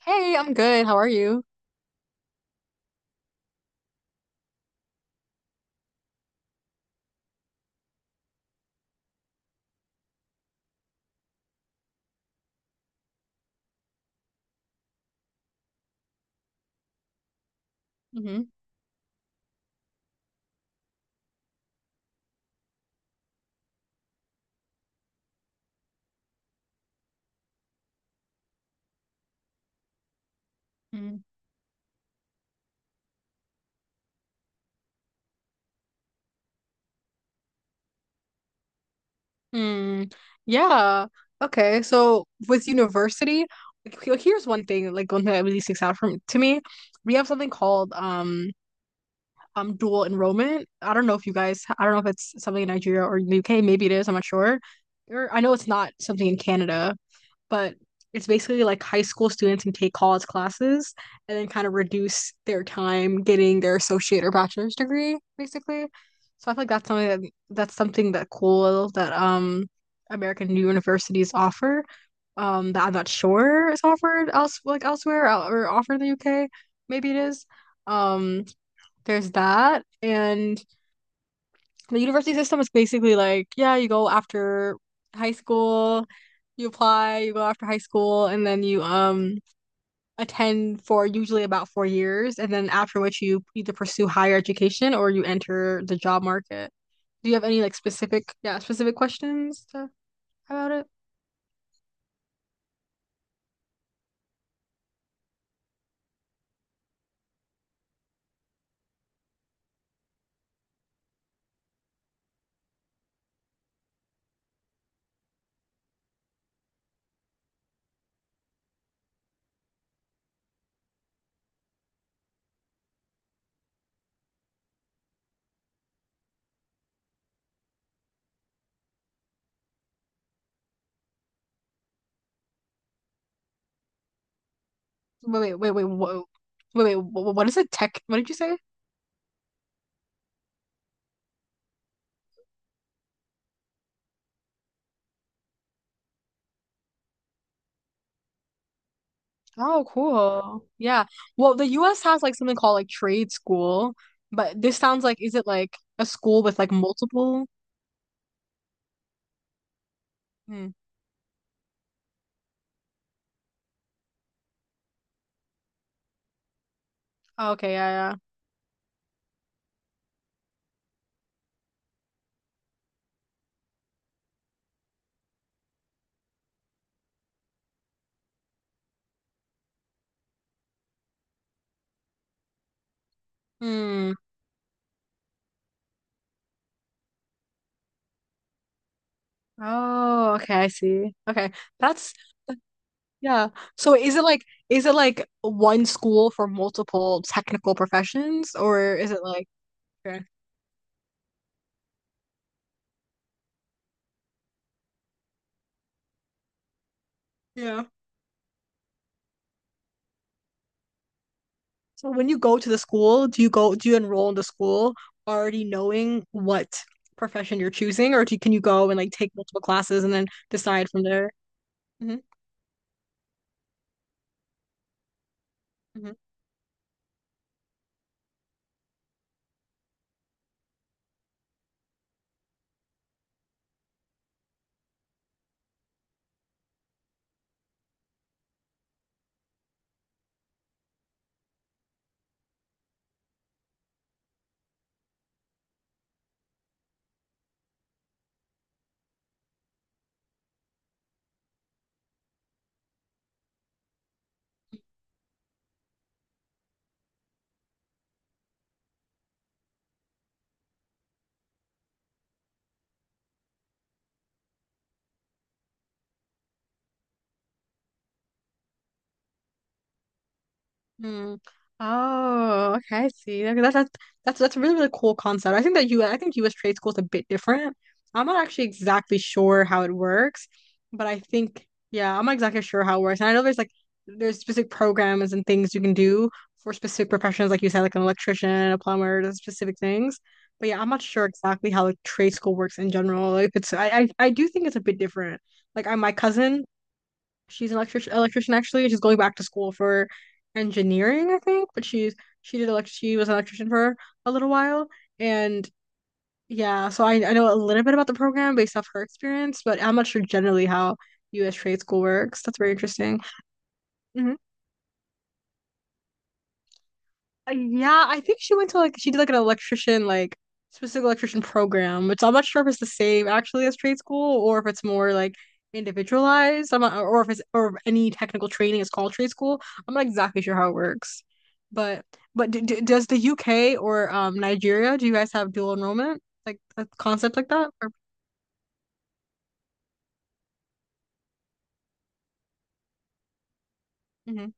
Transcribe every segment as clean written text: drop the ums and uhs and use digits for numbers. Hey, I'm good. How are you? Hmm. Hmm. Hmm. Yeah. Okay. So with university, like, here's one thing, like one thing that really sticks out from to me. We have something called dual enrollment. I don't know if you guys, I don't know if it's something in Nigeria or the UK. Maybe it is. I'm not sure. Or I know it's not something in Canada, but it's basically like high school students can take college classes and then kind of reduce their time getting their associate or bachelor's degree, basically. So I feel like that's something that's something that cool that American universities offer. That I'm not sure is offered elsewhere, or offered in the UK. Maybe it is. Um, there's that, and the university system is basically like, yeah, you go after high school, you apply, you go after high school, and then you attend for usually about 4 years, and then after which you either pursue higher education or you enter the job market. Do you have any like specific questions about it? Wait, wait, wait, wait, whoa. Wait, what is a tech? What did you say? Oh, cool. Yeah. Well, the US has like something called like trade school, but this sounds like, is it like a school with like multiple? Hmm. Oh, okay, yeah, yeah. Hmm. Oh, okay, I see. Okay. That's yeah. So is it like one school for multiple technical professions or is it like okay. Yeah. So when you go to the school, do you enroll in the school already knowing what profession you're choosing, or do you, can you go and like take multiple classes and then decide from there? Mm-hmm. Mm-hmm. Hmm. Oh, okay, I see. Okay, that's that's a really cool concept. I think that you I think US trade school is a bit different. I'm not actually exactly sure how it works, but I think yeah, I'm not exactly sure how it works. And I know there's like there's specific programs and things you can do for specific professions, like you said, like an electrician, a plumber, those specific things. But yeah, I'm not sure exactly how like trade school works in general. Like it's I do think it's a bit different. Like my cousin, she's an electrician, actually. She's going back to school for engineering, I think, but she did elect she was an electrician for a little while. And yeah, so I know a little bit about the program based off her experience, but I'm not sure generally how US trade school works. That's very interesting. Mhm. Yeah, I think she went to like she did like an electrician like specific electrician program, which I'm not sure if it's the same actually as trade school, or if it's more like individualized. I'm not, or if it's or if any technical training is called trade school. I'm not exactly sure how it works, but but d d does the UK or Nigeria, do you guys have dual enrollment, like a concept like that? Or, hmm.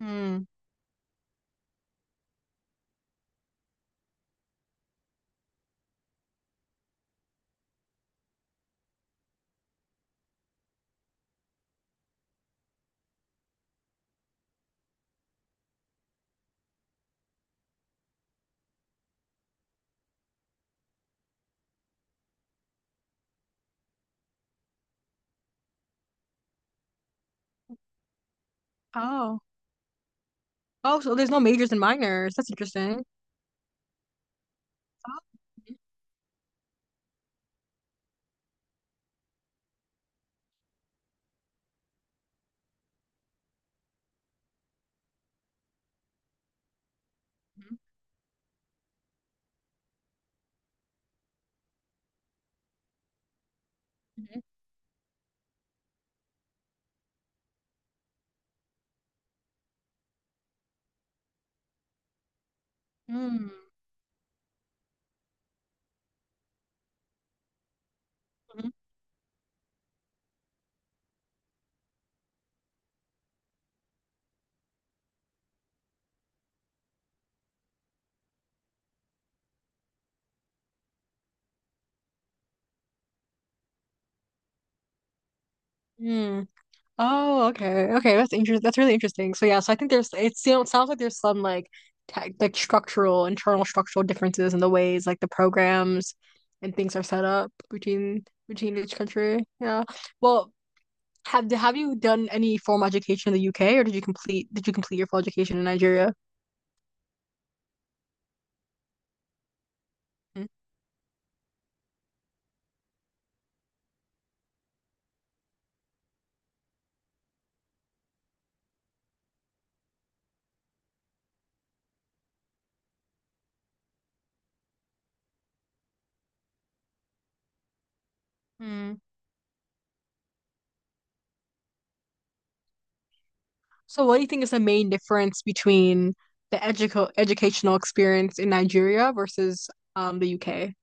Mm. Oh, oh, so there's no majors and minors. That's interesting. Oh. Mhm. Mhm. Mhm. Mm. Mhm. Oh, okay. Okay, that's interesting. That's really interesting. So yeah, so I think there's it sounds like there's some like tech like structural, internal structural differences in the ways like the programs and things are set up between each country. Yeah. Well, have you done any formal education in the UK, or did you complete your full education in Nigeria? Mm. So what do you think is the main difference between the educo educational experience in Nigeria versus the UK?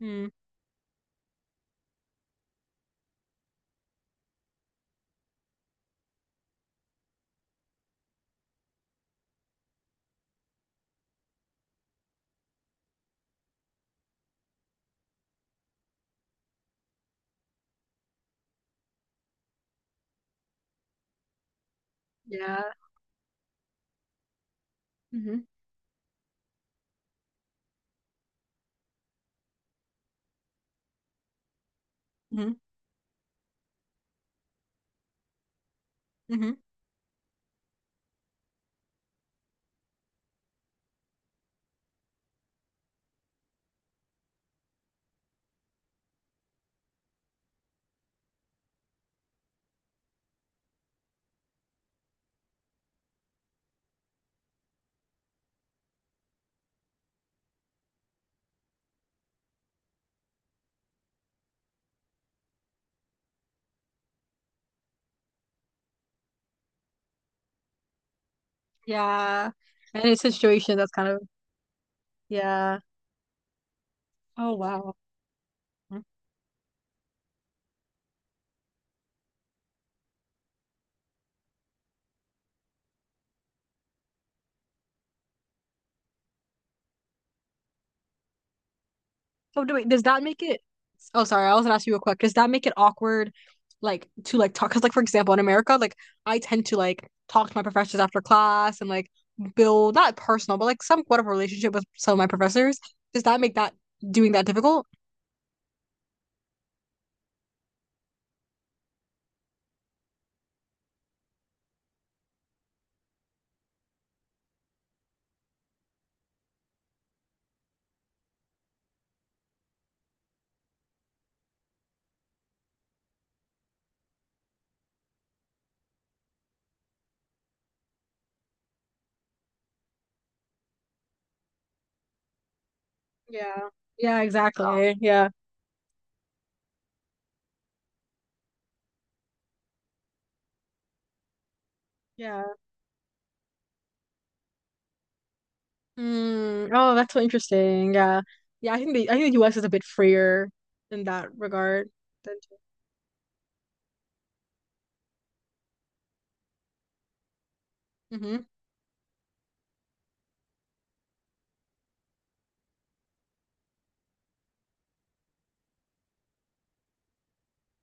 Mm. Yeah. Mm-hmm. Mm-hmm. Mm-hmm. Yeah. And it's a situation that's kind of yeah. Oh wow. Mm. Oh do- wait, does that make it Oh sorry, I was gonna ask you real quick. Does that make it awkward like to like talk? Because like for example in America, like I tend to like talk to my professors after class and like build not personal, but like somewhat of a relationship with some of my professors. Does that make that Doing that difficult? Yeah. Yeah, exactly. Yeah. Yeah. Mm, oh, that's so interesting. Yeah. Yeah, I think the US is a bit freer in that regard. Mm-hmm.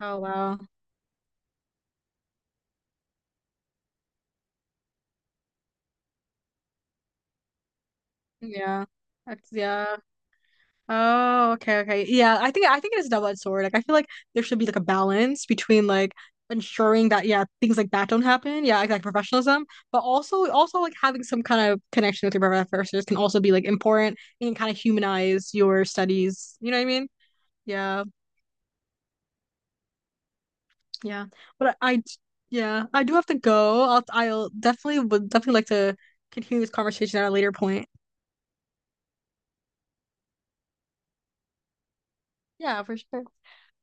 Oh wow. Yeah. That's yeah. Oh, okay, okay. Yeah, I think it is a double-edged sword. Like I feel like there should be like a balance between like ensuring that yeah, things like that don't happen. Yeah, like professionalism, but also like having some kind of connection with your professors can also be like important and kind of humanize your studies. You know what I mean? Yeah. Yeah. But I d- yeah, I do have to go. I'll definitely would definitely like to continue this conversation at a later point. Yeah, for sure.